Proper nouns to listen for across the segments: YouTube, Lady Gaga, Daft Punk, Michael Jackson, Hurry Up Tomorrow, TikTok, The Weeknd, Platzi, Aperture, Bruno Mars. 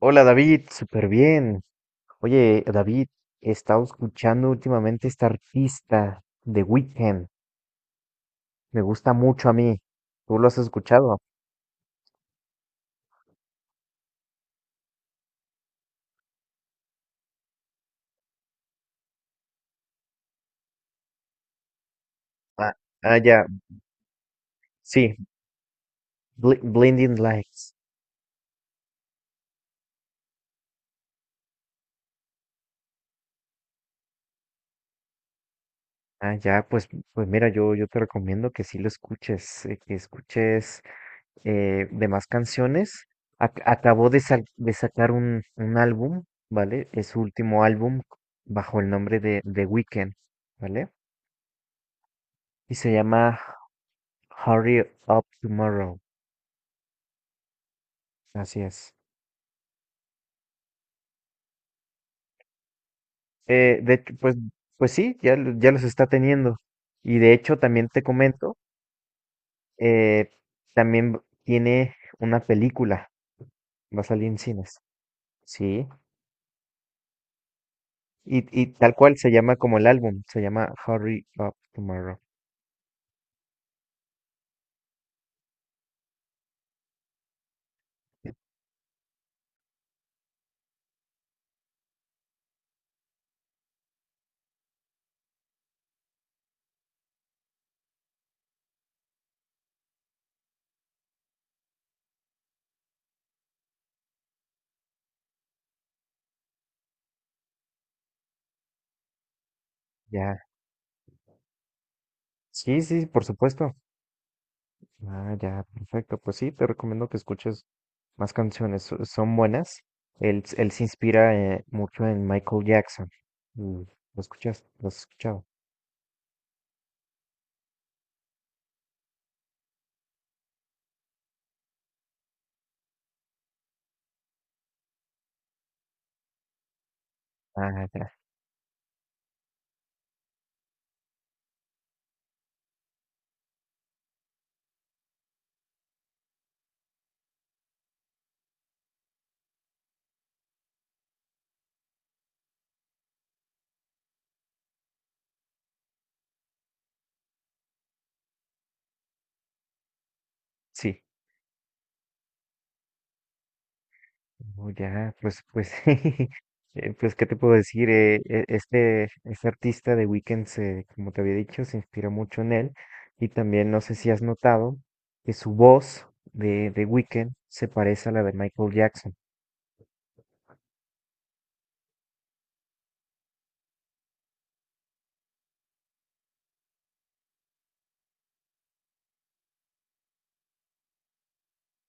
Hola David, súper bien. Oye, David, he estado escuchando últimamente esta artista de Weekend. Me gusta mucho a mí. ¿Tú lo has escuchado? Ah, ah, ya, sí. Blinding Lights. Ah, ya, pues, pues mira, yo te recomiendo que sí lo escuches, que escuches demás canciones. Acabó de sacar un álbum, ¿vale? Es su último álbum bajo el nombre de The Weekend, ¿vale? Y se llama Hurry Up Tomorrow. Así es. De hecho, pues, pues sí, ya, ya los está teniendo. Y de hecho, también te comento, eh, también tiene una película. Va a salir en cines. Sí. Y tal cual se llama como el álbum. Se llama Hurry Up Tomorrow. Ya. Sí, sí, por supuesto. Ah, ya, perfecto. Pues sí, te recomiendo que escuches más canciones. Son buenas. Él, él se inspira mucho en Michael Jackson. Mm. ¿Lo escuchas? ¿Lo has escuchado? Ah, ya, sí. Oh, ya, pues, pues, pues, ¿qué te puedo decir? Este, este artista de Weeknd, como te había dicho, se inspira mucho en él. Y también, no sé si has notado, que su voz de Weeknd se parece a la de Michael Jackson.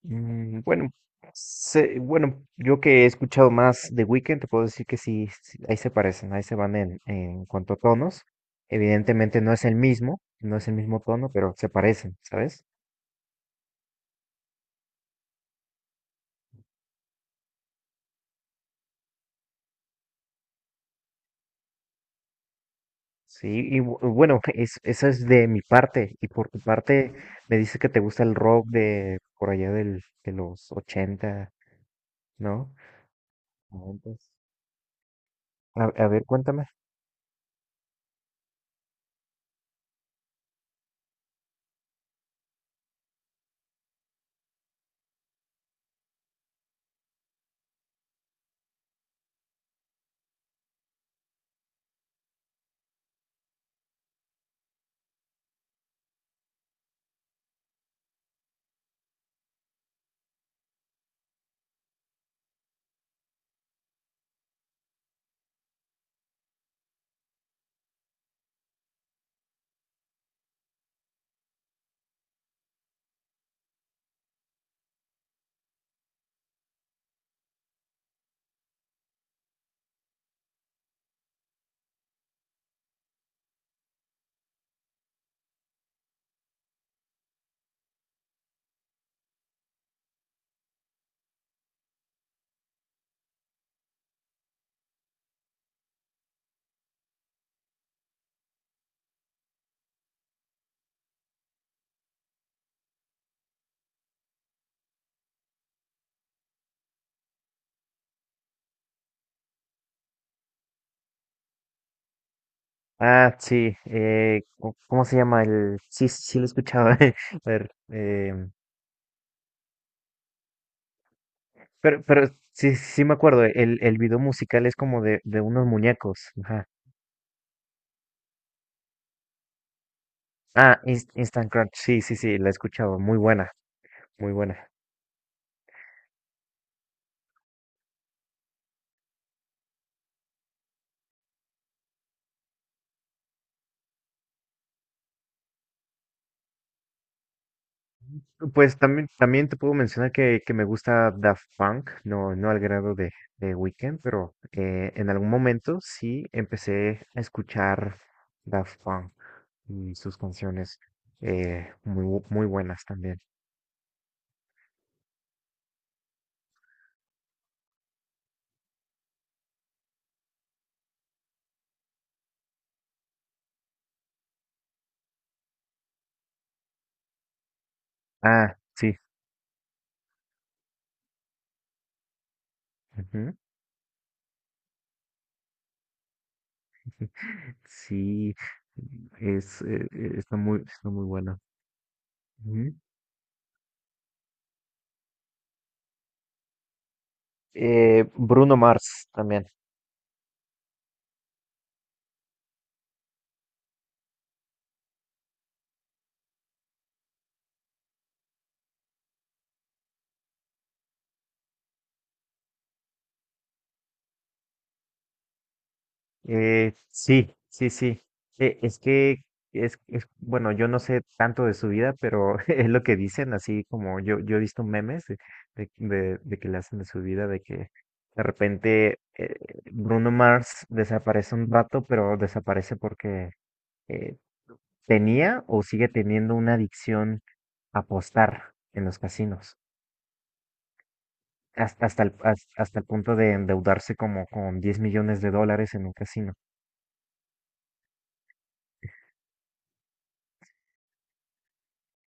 Mm, bueno, bueno, yo que he escuchado más de Weekend, te puedo decir que sí, sí, ahí se parecen, ahí se van en cuanto a tonos. Evidentemente no es el mismo, no es el mismo tono, pero se parecen, ¿sabes? Sí, y bueno, eso es de mi parte. Y por tu parte, me dices que te gusta el rock de por allá del, de los ochenta, ¿no? 90. A ver, cuéntame. Ah, sí, ¿cómo cómo se llama el...? Sí, sí sí lo he escuchado. A ver, pero sí, sí me acuerdo, el video musical es como de unos muñecos. Ajá. Ah, Instant Crunch, sí, sí, sí, la he escuchado, muy buena, muy buena. Pues también, también te puedo mencionar que me gusta Daft Punk, no, no al grado de Weeknd, pero en algún momento sí empecé a escuchar Daft Punk y sus canciones muy, muy buenas también. Ah, sí. Ujú. Sí, está muy bueno. Ujú. Bruno Mars también. Sí, sí, sí. Es que es- bueno, yo no sé tanto de su vida, pero es lo que dicen, así como yo he visto memes de, de que le hacen de su vida, de que de repente Bruno Mars desaparece un rato, pero desaparece porque eh, tenía o sigue teniendo una adicción a apostar en los casinos. Hasta el, hasta el punto de endeudarse como con 10 millones de dólares en un casino.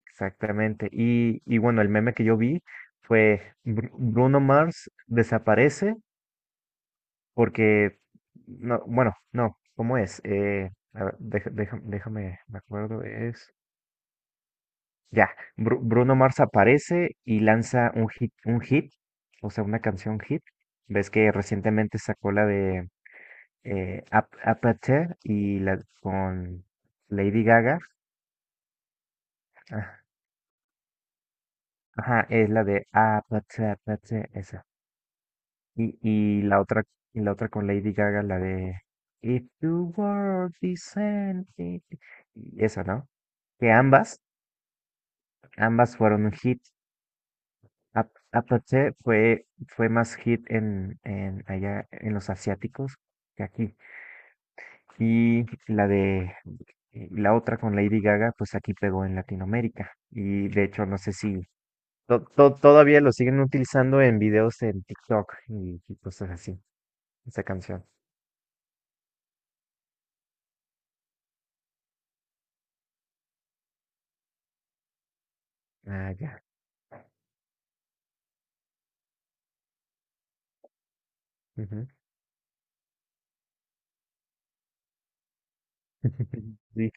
Exactamente. Y bueno, el meme que yo vi fue Bruno Mars desaparece porque, no, bueno, no, ¿cómo es? A ver, déjame, me acuerdo, es... Ya, Bruno Mars aparece y lanza un hit, o sea, una canción hit. Ves que recientemente sacó la de Aperture y la con... Lady Gaga. Ajá, ajá, es la de Ah, Platzi, Platzi, esa. Y, y la otra, y la otra con Lady Gaga, la de If the world is ending, y esa, ¿no? Que ambas, ambas fueron un hit. Ah, ah, fue, fue más hit en allá en los asiáticos que aquí. Y la de y la otra con Lady Gaga, pues aquí pegó en Latinoamérica. Y de hecho, no sé si todavía lo siguen utilizando en videos en TikTok y cosas así, esa canción. Ah, ya. Ujú. Sí,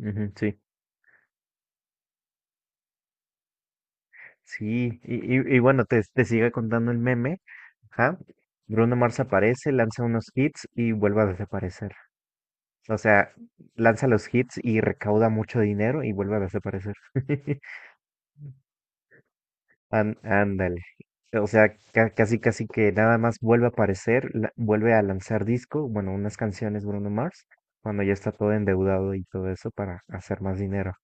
ujú, sí, sí. Y, y bueno, te sigue contando el meme. Ajá. Bruno Mars aparece, lanza unos hits y vuelve a desaparecer. O sea, lanza los hits y recauda mucho dinero y vuelve a desaparecer. Ándale. O sea, casi casi que nada más vuelve a aparecer, vuelve a lanzar disco, bueno, unas canciones Bruno Mars, cuando ya está todo endeudado y todo eso para hacer más dinero.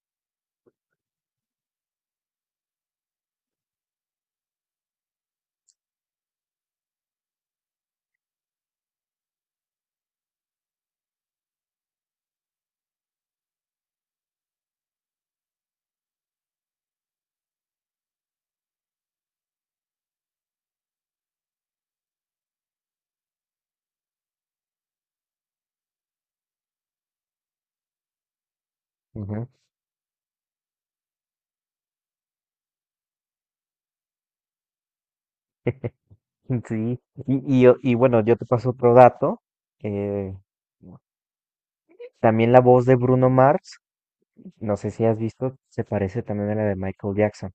Ujú. Sí, y bueno, yo te paso otro dato. eh, También la voz de Bruno Mars, no sé si has visto, se parece también a la de Michael Jackson.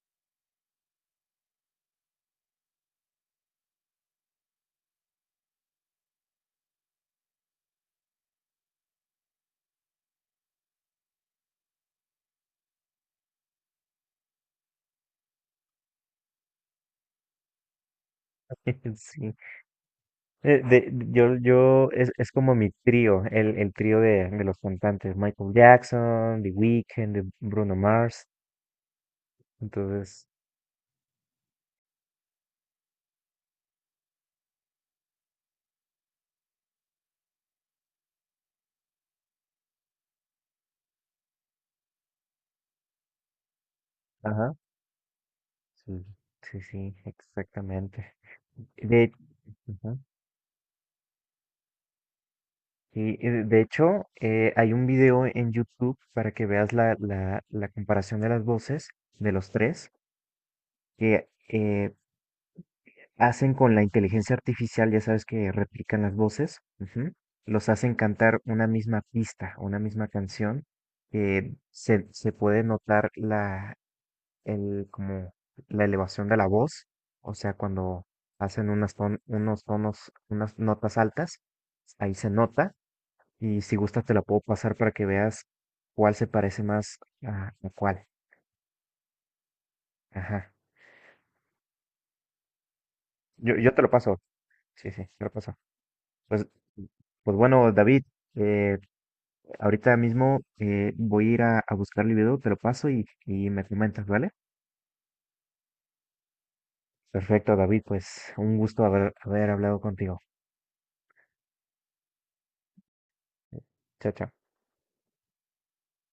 Sí. Es como mi trío, el trío de los cantantes, Michael Jackson, The Weeknd, de Bruno Mars. Entonces, ajá, sí, sí, sí, exactamente. De, ujú. Y de hecho, hay un video en YouTube para que veas la, la, la comparación de las voces de los tres, que hacen con la inteligencia artificial, ya sabes que replican las voces, ujú, los hacen cantar una misma pista, una misma canción, que se puede notar la, el, como la elevación de la voz, o sea, cuando hacen unos tonos, unas notas altas, ahí se nota, y si gustas te la puedo pasar para que veas cuál se parece más a cuál. Ajá. Yo te lo paso. Sí, sí, te lo paso. Pues, pues bueno, David, eh, ahorita mismo voy a ir a buscar el video, te lo paso y me comentas, ¿vale? Perfecto, David, pues un gusto haber, haber hablado contigo. Chao, chao.